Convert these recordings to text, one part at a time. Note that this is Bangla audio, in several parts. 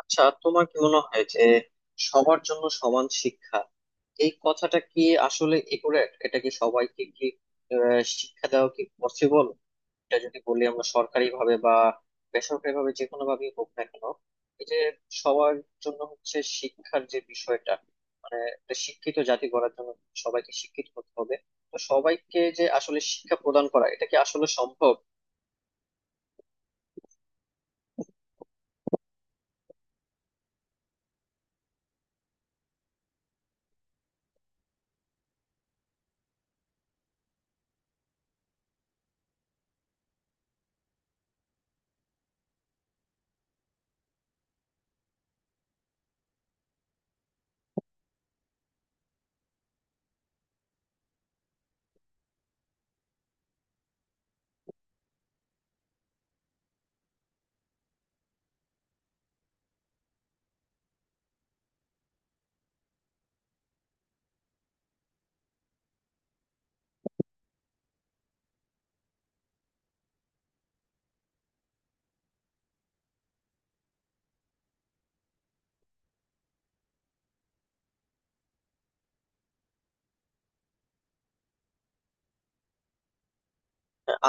আচ্ছা, তোমার কি মনে হয় যে সবার জন্য সমান শিক্ষা এই কথাটা কি আসলে একুরেট? এটা কি সবাইকে কি শিক্ষা দেওয়া কি পসিবল? এটা যদি বলি আমরা সরকারি ভাবে বা বেসরকারি ভাবে যে কোনো ভাবেই হোক না কেন, এই যে সবার জন্য হচ্ছে শিক্ষার যে বিষয়টা, মানে একটা শিক্ষিত জাতি গড়ার জন্য সবাইকে শিক্ষিত করতে হবে। তো সবাইকে যে আসলে শিক্ষা প্রদান করা, এটা কি আসলে সম্ভব?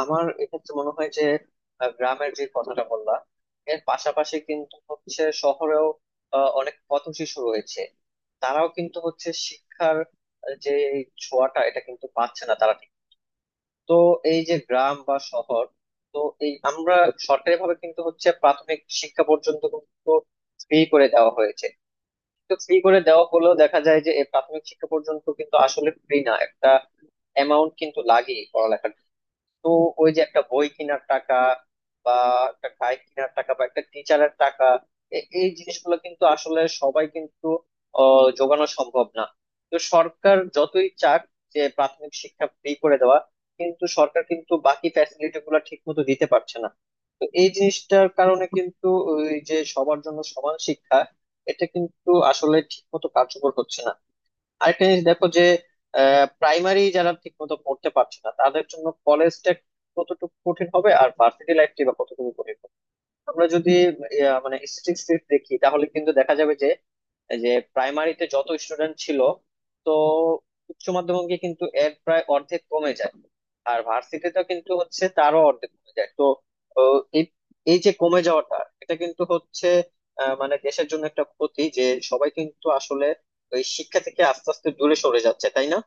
আমার এক্ষেত্রে মনে হয় যে গ্রামের যে কথাটা বললাম, এর পাশাপাশি কিন্তু হচ্ছে শহরেও অনেক পথ শিশু রয়েছে। তারাও কিন্তু হচ্ছে শিক্ষার যে ছোঁয়াটা এটা কিন্তু পাচ্ছে না তারা ঠিক। তো এই যে গ্রাম বা শহর, তো এই আমরা সরকারি ভাবে কিন্তু হচ্ছে প্রাথমিক শিক্ষা পর্যন্ত কিন্তু ফ্রি করে দেওয়া হয়েছে। তো ফ্রি করে দেওয়া হলেও দেখা যায় যে এই প্রাথমিক শিক্ষা পর্যন্ত কিন্তু আসলে ফ্রি না, একটা অ্যামাউন্ট কিন্তু লাগে পড়ালেখার। তো ওই যে একটা বই কেনার টাকা বা একটা গাই কেনার টাকা বা একটা টিচারের টাকা, এই জিনিসগুলো কিন্তু আসলে সবাই কিন্তু যোগানো সম্ভব না। তো সরকার যতই চাক যে প্রাথমিক শিক্ষা ফ্রি করে দেওয়া, কিন্তু সরকার কিন্তু বাকি ফ্যাসিলিটি গুলো ঠিক মতো দিতে পারছে না। তো এই জিনিসটার কারণে কিন্তু ওই যে সবার জন্য সমান শিক্ষা, এটা কিন্তু আসলে ঠিক মতো কার্যকর হচ্ছে না। আরেকটা জিনিস দেখো যে, প্রাইমারি যারা ঠিক মতো পড়তে পারছে না তাদের জন্য কলেজটা কতটুকু কঠিন হবে, আর ভার্সিটি লাইফটি বা কতটুকু কঠিন হবে। আমরা যদি মানে স্ট্যাটিস্টিক্স দেখি, তাহলে কিন্তু দেখা যাবে যে যে প্রাইমারিতে যত স্টুডেন্ট ছিল, তো উচ্চ মাধ্যমিকে কিন্তু এর প্রায় অর্ধেক কমে যায়, আর ভার্সিটিতে কিন্তু হচ্ছে তারও অর্ধেক কমে যায়। তো ও, এই এই যে কমে যাওয়াটা, এটা কিন্তু হচ্ছে মানে দেশের জন্য একটা ক্ষতি যে সবাই কিন্তু আসলে ওই শিক্ষা থেকে আস্তে আস্তে দূরে সরে যাচ্ছে, তাই না?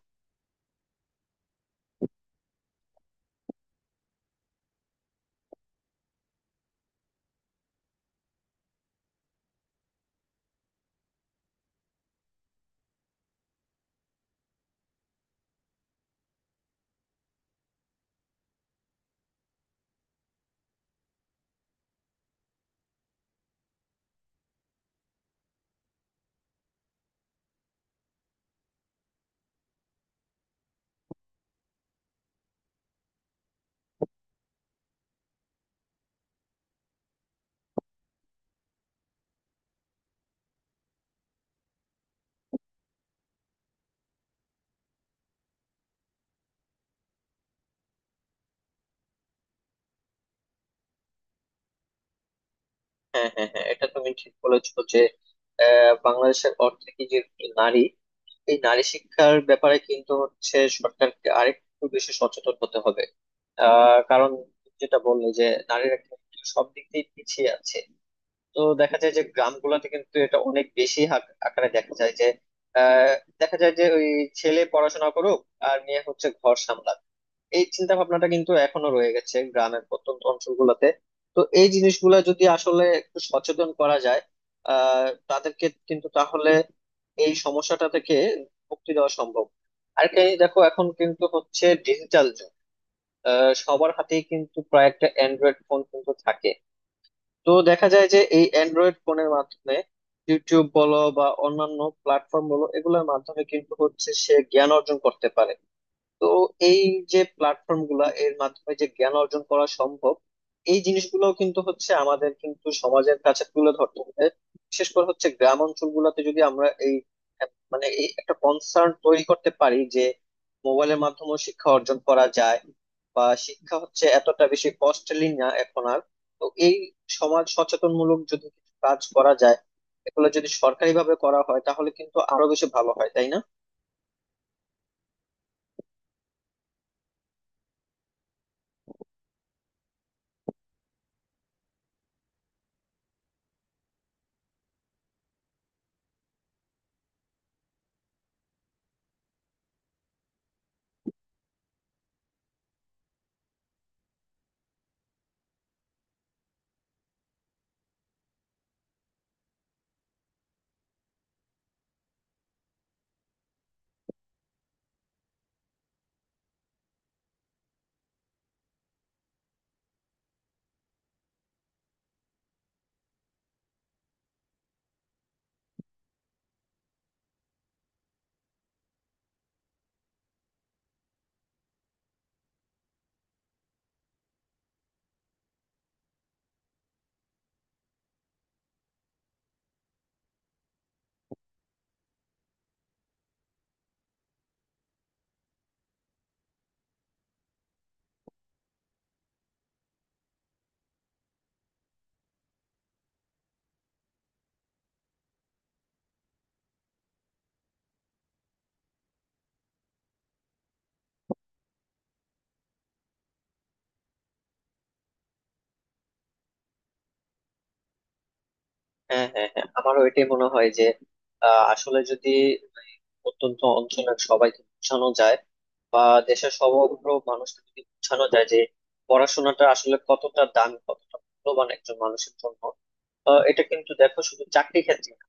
হ্যাঁ, হ্যাঁ, হ্যাঁ, এটা তুমি ঠিক বলেছো যে বাংলাদেশের অর্ধেকই যে নারী, এই নারী শিক্ষার ব্যাপারে কিন্তু হচ্ছে সরকারকে আরেকটু বেশি সচেতন হতে হবে। কারণ যেটা বললে যে নারীরা কিন্তু সব দিক দিয়ে পিছিয়ে আছে। তো দেখা যায় যে গ্রামগুলোতে কিন্তু এটা অনেক বেশি আকারে দেখা যায় যে আহ, দেখা যায় যে ওই ছেলে পড়াশোনা করুক, আর মেয়ে হচ্ছে ঘর সামলাক, এই চিন্তা ভাবনাটা কিন্তু এখনো রয়ে গেছে গ্রামের প্রত্যন্ত অঞ্চলগুলোতে। তো এই জিনিসগুলো যদি আসলে একটু সচেতন করা যায় তাদেরকে, কিন্তু তাহলে এই সমস্যাটা থেকে মুক্তি দেওয়া সম্ভব। আর কি দেখো, এখন কিন্তু হচ্ছে ডিজিটাল যুগ। সবার হাতেই কিন্তু প্রায় একটা অ্যান্ড্রয়েড ফোন কিন্তু থাকে। তো দেখা যায় যে এই অ্যান্ড্রয়েড ফোনের মাধ্যমে ইউটিউব বলো বা অন্যান্য প্ল্যাটফর্ম বলো, এগুলোর মাধ্যমে কিন্তু হচ্ছে সে জ্ঞান অর্জন করতে পারে। তো এই যে প্ল্যাটফর্ম গুলা, এর মাধ্যমে যে জ্ঞান অর্জন করা সম্ভব, এই জিনিসগুলো কিন্তু হচ্ছে আমাদের কিন্তু সমাজের কাছে তুলে ধরতে হবে। বিশেষ করে হচ্ছে গ্রাম অঞ্চল গুলাতে যদি আমরা এই মানে এই একটা কনসার্ন তৈরি করতে পারি যে মোবাইলের মাধ্যমে শিক্ষা অর্জন করা যায়, বা শিক্ষা হচ্ছে এতটা বেশি কস্টলি না এখন আর। তো এই সমাজ সচেতনমূলক যদি কিছু কাজ করা যায়, এগুলো যদি সরকারি ভাবে করা হয় তাহলে কিন্তু আরো বেশি ভালো হয়, তাই না? হ্যাঁ, হ্যাঁ, হ্যাঁ, আমারও এটাই মনে হয় যে আসলে যদি অত্যন্ত অঞ্চলের সবাইকে বোঝানো যায়, বা দেশের সমগ্র মানুষকে যদি বোঝানো যায় যে পড়াশোনাটা আসলে কতটা দামি কতটা মূল্যবান একজন মানুষের জন্য। এটা কিন্তু দেখো শুধু চাকরি ক্ষেত্রে না।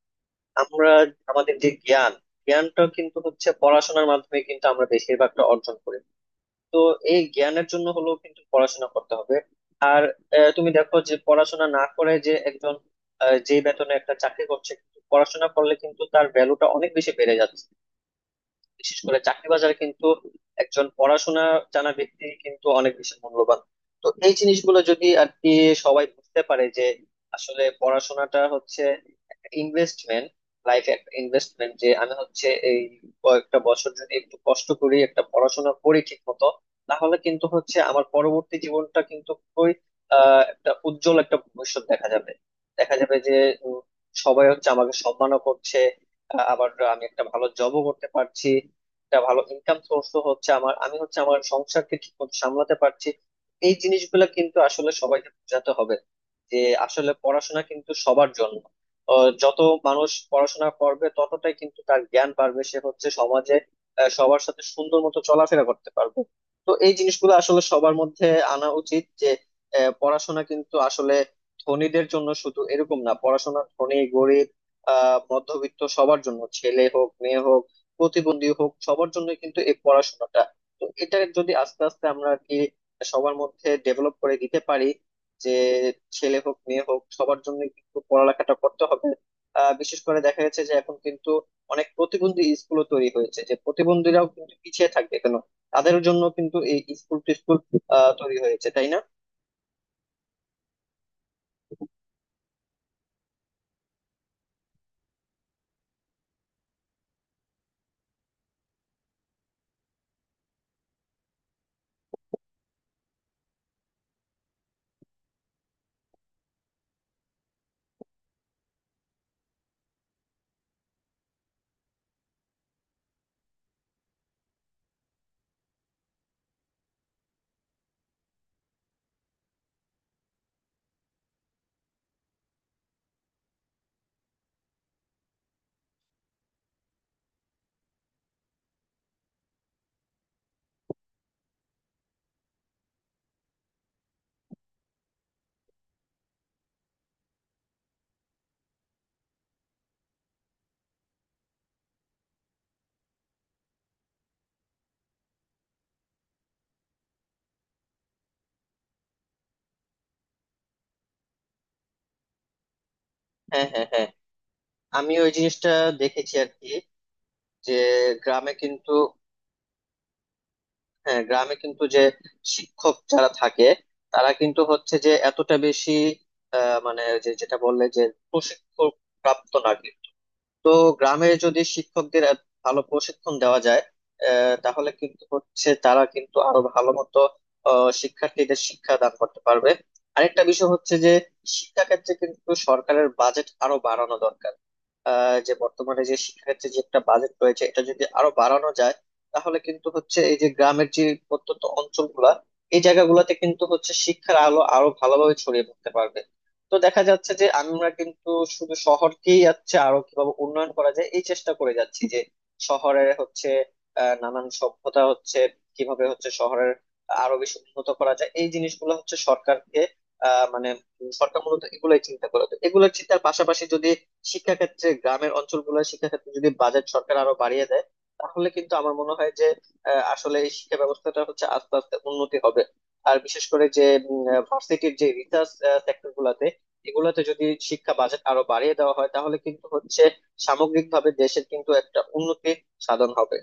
আমরা আমাদের যে জ্ঞানটা কিন্তু হচ্ছে পড়াশোনার মাধ্যমে কিন্তু আমরা বেশিরভাগটা অর্জন করি। তো এই জ্ঞানের জন্য হলো কিন্তু পড়াশোনা করতে হবে। আর তুমি দেখো যে পড়াশোনা না করে যে একজন যে বেতনে একটা চাকরি করছে, কিন্তু পড়াশোনা করলে কিন্তু তার ভ্যালুটা অনেক বেশি বেড়ে যাচ্ছে। বিশেষ করে চাকরি বাজারে কিন্তু একজন পড়াশোনা জানা ব্যক্তি কিন্তু অনেক বেশি মূল্যবান। তো এই জিনিসগুলো যদি আর কি সবাই বুঝতে পারে যে আসলে পড়াশোনাটা হচ্ছে একটা ইনভেস্টমেন্ট, লাইফে একটা ইনভেস্টমেন্ট যে আমি হচ্ছে এই কয়েকটা বছর যদি একটু কষ্ট করি, একটা পড়াশোনা করি ঠিক মতো, তাহলে কিন্তু হচ্ছে আমার পরবর্তী জীবনটা কিন্তু খুবই একটা উজ্জ্বল একটা ভবিষ্যৎ দেখা যাবে। দেখা যাবে যে উম, সবাই হচ্ছে আমাকে সম্মানও করছে, আবার আমি একটা ভালো জবও করতে পারছি, একটা ভালো ইনকাম সোর্স হচ্ছে আমার, আমি হচ্ছে আমার সংসারকে ঠিক মতো সামলাতে পারছি। এই জিনিসগুলো কিন্তু আসলে সবাইকে বোঝাতে হবে যে আসলে পড়াশোনা কিন্তু সবার জন্য। যত মানুষ পড়াশোনা করবে ততটাই কিন্তু তার জ্ঞান বাড়বে, সে হচ্ছে সমাজে সবার সাথে সুন্দর মতো চলাফেরা করতে পারবে। তো এই জিনিসগুলো আসলে সবার মধ্যে আনা উচিত যে পড়াশোনা কিন্তু আসলে ধনীদের জন্য শুধু এরকম না, পড়াশোনা ধনী গরিব মধ্যবিত্ত সবার জন্য, ছেলে হোক মেয়ে হোক প্রতিবন্ধী হোক সবার জন্য কিন্তু এই পড়াশোনাটা। তো এটা যদি আস্তে আস্তে আমরা আর কি সবার মধ্যে ডেভেলপ করে দিতে পারি যে ছেলে হোক মেয়ে হোক সবার জন্য কিন্তু পড়ালেখাটা করতে হবে। বিশেষ করে দেখা যাচ্ছে যে এখন কিন্তু অনেক প্রতিবন্ধী স্কুলও তৈরি হয়েছে, যে প্রতিবন্ধীরাও কিন্তু পিছিয়ে থাকবে কেন? তাদের জন্য কিন্তু এই স্কুল টিস্কুল তৈরি হয়েছে, তাই না? হ্যাঁ, হ্যাঁ, হ্যাঁ, আমি ওই জিনিসটা দেখেছি আর কি যে গ্রামে কিন্তু, হ্যাঁ গ্রামে কিন্তু যে শিক্ষক যারা থাকে তারা কিন্তু হচ্ছে যে এতটা বেশি মানে যে যেটা বললে যে প্রশিক্ষণ প্রাপ্ত না কিন্তু। তো গ্রামে যদি শিক্ষকদের এত ভালো প্রশিক্ষণ দেওয়া যায়, তাহলে কিন্তু হচ্ছে তারা কিন্তু আরো ভালো মতো শিক্ষার্থীদের শিক্ষা দান করতে পারবে। আরেকটা বিষয় হচ্ছে যে শিক্ষাক্ষেত্রে কিন্তু সরকারের বাজেট আরো বাড়ানো দরকার। যে বর্তমানে যে শিক্ষাক্ষেত্রে যে একটা বাজেট রয়েছে, এটা যদি আরো বাড়ানো যায়, তাহলে কিন্তু হচ্ছে এই যে গ্রামের যে প্রত্যন্ত অঞ্চলগুলা, এই জায়গাগুলোতে কিন্তু হচ্ছে শিক্ষার আলো আরো ভালোভাবে ছড়িয়ে পড়তে পারবে। তো দেখা যাচ্ছে যে আমরা কিন্তু শুধু শহরকেই যাচ্ছে আরো কিভাবে উন্নয়ন করা যায় এই চেষ্টা করে যাচ্ছি, যে শহরের হচ্ছে নানান সভ্যতা হচ্ছে, কিভাবে হচ্ছে শহরের আরো বেশি উন্নত করা যায় এই জিনিসগুলো হচ্ছে সরকারকে, মানে সরকার মূলত এগুলোই চিন্তা করে। তো এগুলোর চিন্তার পাশাপাশি যদি শিক্ষাক্ষেত্রে, গ্রামের অঞ্চলগুলোর শিক্ষাক্ষেত্রে যদি বাজেট সরকার আরো বাড়িয়ে দেয়, তাহলে কিন্তু আমার মনে হয় যে আসলে এই শিক্ষা ব্যবস্থাটা হচ্ছে আস্তে আস্তে উন্নতি হবে। আর বিশেষ করে যে ভার্সিটির যে রিসার্চ সেক্টর গুলাতে, এগুলাতে যদি শিক্ষা বাজেট আরো বাড়িয়ে দেওয়া হয়, তাহলে কিন্তু হচ্ছে সামগ্রিকভাবে দেশের কিন্তু একটা উন্নতি সাধন হবে।